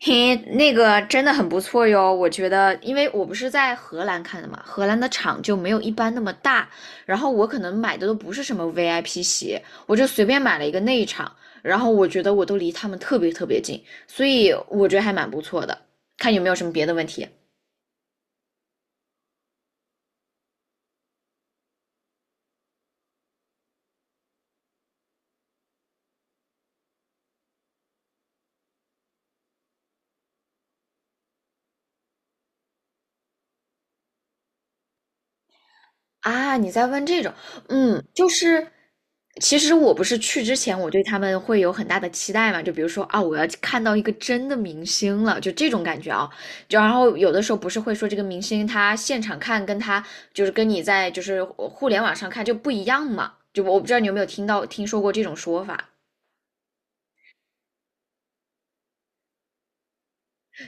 嘿，那个真的很不错哟，我觉得，因为我不是在荷兰看的嘛，荷兰的场就没有一般那么大，然后我可能买的都不是什么 VIP 席，我就随便买了一个内场，然后我觉得我都离他们特别特别近，所以我觉得还蛮不错的。看有没有什么别的问题。啊，你在问这种，嗯，就是，其实我不是去之前，我对他们会有很大的期待嘛，就比如说啊，我要看到一个真的明星了，就这种感觉啊。就然后有的时候不是会说这个明星他现场看跟他就是跟你在就是互联网上看就不一样嘛，就我不知道你有没有听到听说过这种说法。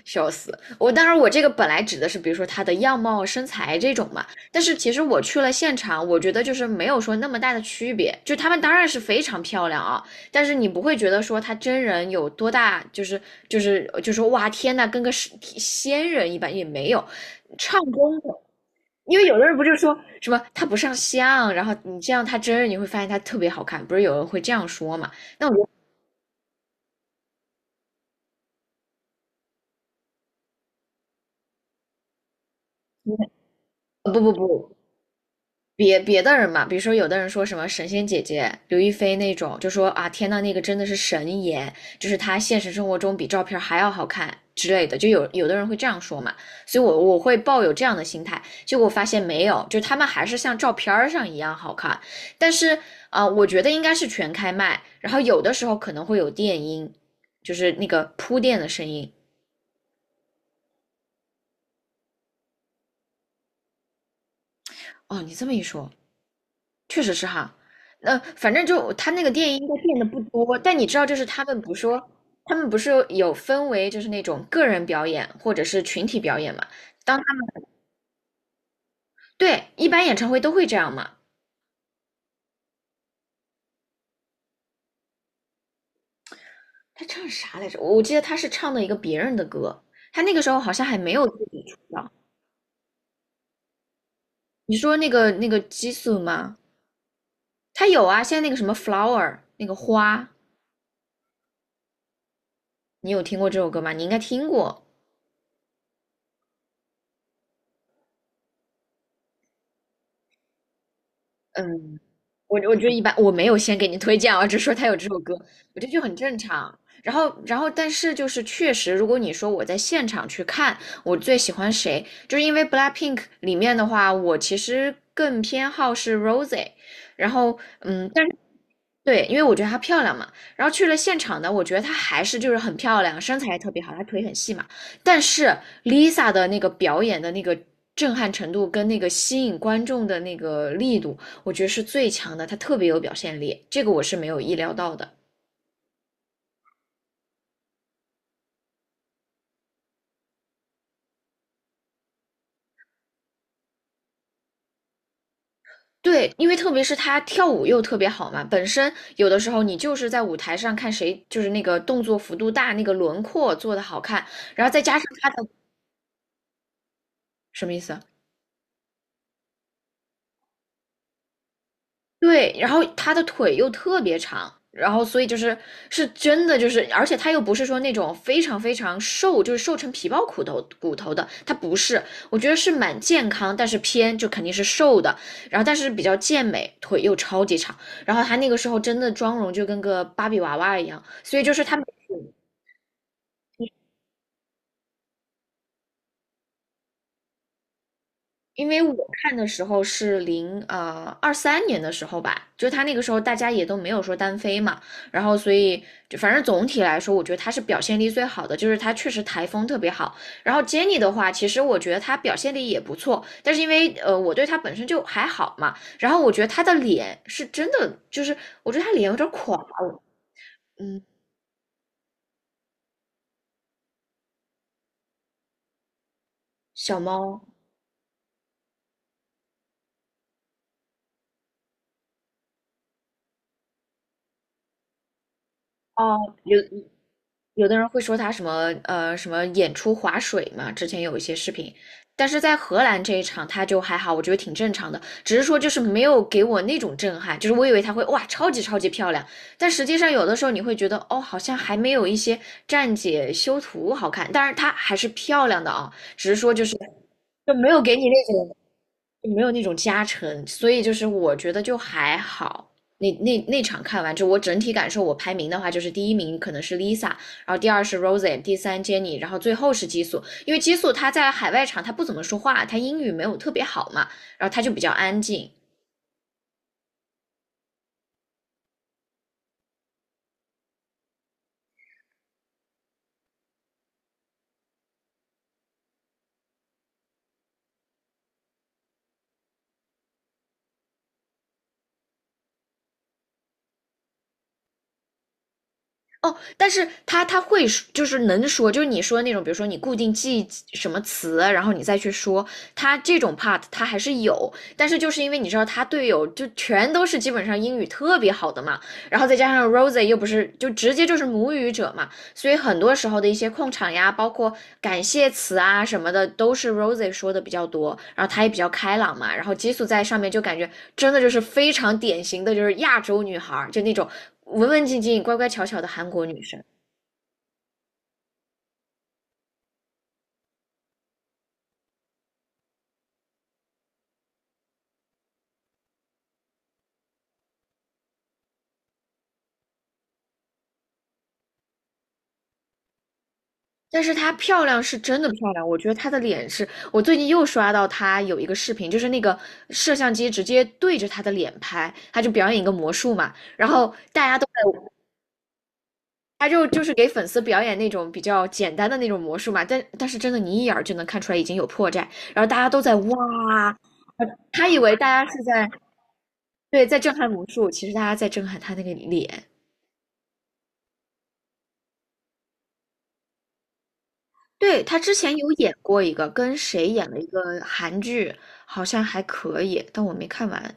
笑死！我当然，我这个本来指的是，比如说她的样貌、身材这种嘛。但是其实我去了现场，我觉得就是没有说那么大的区别。就她们当然是非常漂亮啊，但是你不会觉得说她真人有多大，就是就说哇天呐，跟个是仙人一般也没有。唱功的，因为有的人不就说什么她不上相，然后你这样她真人你会发现她特别好看，不是有人会这样说嘛？那我觉得呃不不不，别的人嘛，比如说有的人说什么神仙姐姐刘亦菲那种，就说啊天呐，那个真的是神颜，就是她现实生活中比照片还要好看之类的，就有的人会这样说嘛，所以我会抱有这样的心态，结果发现没有，就他们还是像照片上一样好看，但是我觉得应该是全开麦，然后有的时候可能会有电音，就是那个铺垫的声音。哦，你这么一说，确实是哈，反正就他那个电音应该变得不多，但你知道，就是他们不说，他们不是有分为就是那种个人表演或者是群体表演嘛？当他们对一般演唱会都会这样嘛？他唱啥来着？我记得他是唱的一个别人的歌，他那个时候好像还没有自己出道。你说那个激素吗？他有啊，现在那个什么 flower 那个花，你有听过这首歌吗？你应该听过。嗯，我觉得一般，我没有先给你推荐啊，只是说他有这首歌，我觉得就很正常。然后,但是就是确实，如果你说我在现场去看，我最喜欢谁，就是因为 BLACKPINK 里面的话，我其实更偏好是 r o s e 然后，嗯，但是对，因为我觉得她漂亮嘛，然后去了现场呢，我觉得她还是就是很漂亮，身材也特别好，她腿很细嘛。但是 Lisa 的那个表演的那个震撼程度跟那个吸引观众的那个力度，我觉得是最强的，她特别有表现力，这个我是没有意料到的。对，因为特别是她跳舞又特别好嘛，本身有的时候你就是在舞台上看谁就是那个动作幅度大，那个轮廓做的好看，然后再加上她的什么意思啊？对，然后她的腿又特别长，然后所以就是是真的就是，而且她又不是说那种非常非常瘦，就是瘦成皮包骨头的，她不是，我觉得是蛮健康，但是偏就肯定是瘦的，然后但是比较健美，腿又超级长，然后她那个时候真的妆容就跟个芭比娃娃一样，所以就是他。因为我看的时候是二三年的时候吧，就他那个时候大家也都没有说单飞嘛，然后所以就反正总体来说，我觉得他是表现力最好的，就是他确实台风特别好。然后 Jenny 的话，其实我觉得他表现力也不错，但是因为我对他本身就还好嘛，然后我觉得他的脸是真的，就是我觉得他脸有点垮了嗯，小猫哦，有。有的人会说他什么什么演出划水嘛，之前有一些视频，但是在荷兰这一场他就还好，我觉得挺正常的，只是说就是没有给我那种震撼，就是我以为他会哇超级超级漂亮，但实际上有的时候你会觉得哦好像还没有一些站姐修图好看，但是她还是漂亮的啊，只是说就是就没有给你那种没有那种加成，所以就是我觉得就还好。那场看完之后，我整体感受，我排名的话就是第一名可能是 Lisa，然后第二是 Rosie，第三 Jenny，然后最后是激素。因为激素他在海外场他不怎么说话，他英语没有特别好嘛，然后他就比较安静。哦，但是他会说就是能说，就是你说的那种，比如说你固定记什么词，然后你再去说，他这种 part 他还是有，但是就是因为你知道他队友就全都是基本上英语特别好的嘛，然后再加上 Rosie 又不是就直接就是母语者嘛，所以很多时候的一些控场呀，包括感谢词啊什么的，都是 Rosie 说的比较多，然后她也比较开朗嘛，然后激素在上面就感觉真的就是非常典型的就是亚洲女孩就那种文文静静、乖乖巧巧的韩国女生。但是她漂亮是真的漂亮，我觉得她的脸是我最近又刷到她有一个视频，就是那个摄像机直接对着她的脸拍，她就表演一个魔术嘛，然后大家都在他就是给粉丝表演那种比较简单的那种魔术嘛，但是真的你一眼儿就能看出来已经有破绽，然后大家都在哇，呃他以为大家是在对在震撼魔术，其实大家在震撼他那个脸。对，他之前有演过一个，跟谁演了一个韩剧，好像还可以，但我没看完。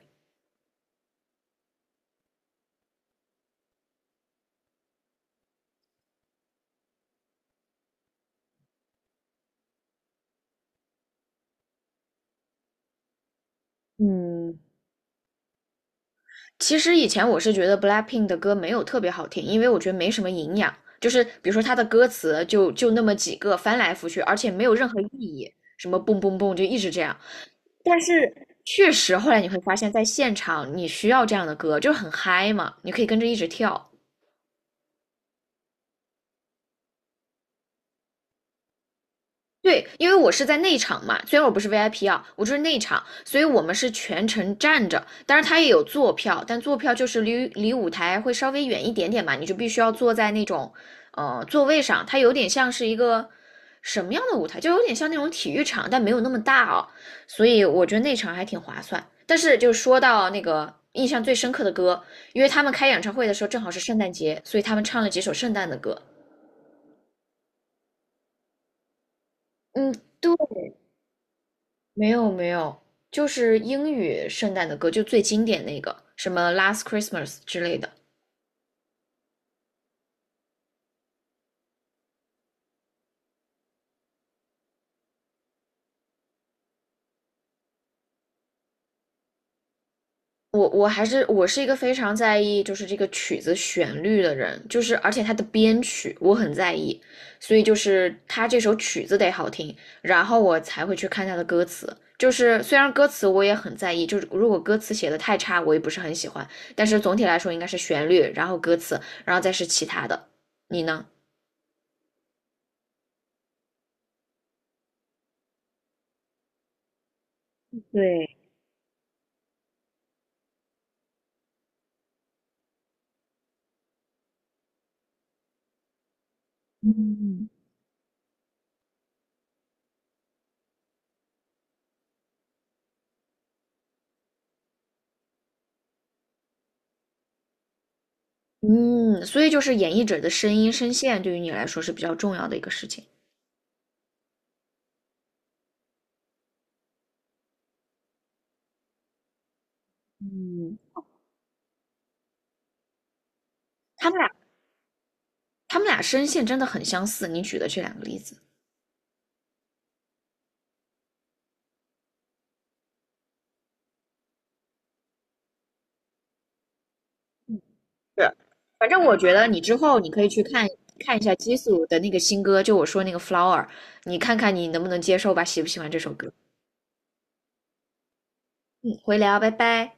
嗯，其实以前我是觉得 BLACKPINK 的歌没有特别好听，因为我觉得没什么营养，就是比如说它的歌词就那么几个翻来覆去，而且没有任何意义，什么蹦蹦蹦就一直这样。但是确实后来你会发现在现场你需要这样的歌，就是很嗨嘛，你可以跟着一直跳。对，因为我是在内场嘛，虽然我不是 VIP 啊，我就是内场，所以我们是全程站着。当然，它也有坐票，但坐票就是离舞台会稍微远一点点嘛，你就必须要坐在那种座位上。它有点像是一个什么样的舞台，就有点像那种体育场，但没有那么大哦。所以我觉得内场还挺划算。但是就说到那个印象最深刻的歌，因为他们开演唱会的时候正好是圣诞节，所以他们唱了几首圣诞的歌。嗯，对，没有，就是英语圣诞的歌，就最经典那个，什么《Last Christmas》之类的。我是一个非常在意就是这个曲子旋律的人，就是而且它的编曲我很在意，所以就是它这首曲子得好听，然后我才会去看它的歌词。就是虽然歌词我也很在意，就是如果歌词写的太差，我也不是很喜欢，但是总体来说应该是旋律，然后歌词，然后再是其他的。你呢？对，嗯。嗯，所以就是演绎者的声音、声线对于你来说是比较重要的一个事情。他们俩，他们俩声线真的很相似，你举的这两个例子。是，反正我觉得你之后你可以看一下激素的那个新歌，就我说那个《Flower》，你看看你能不能接受吧，喜不喜欢这首歌？嗯，回聊，拜拜。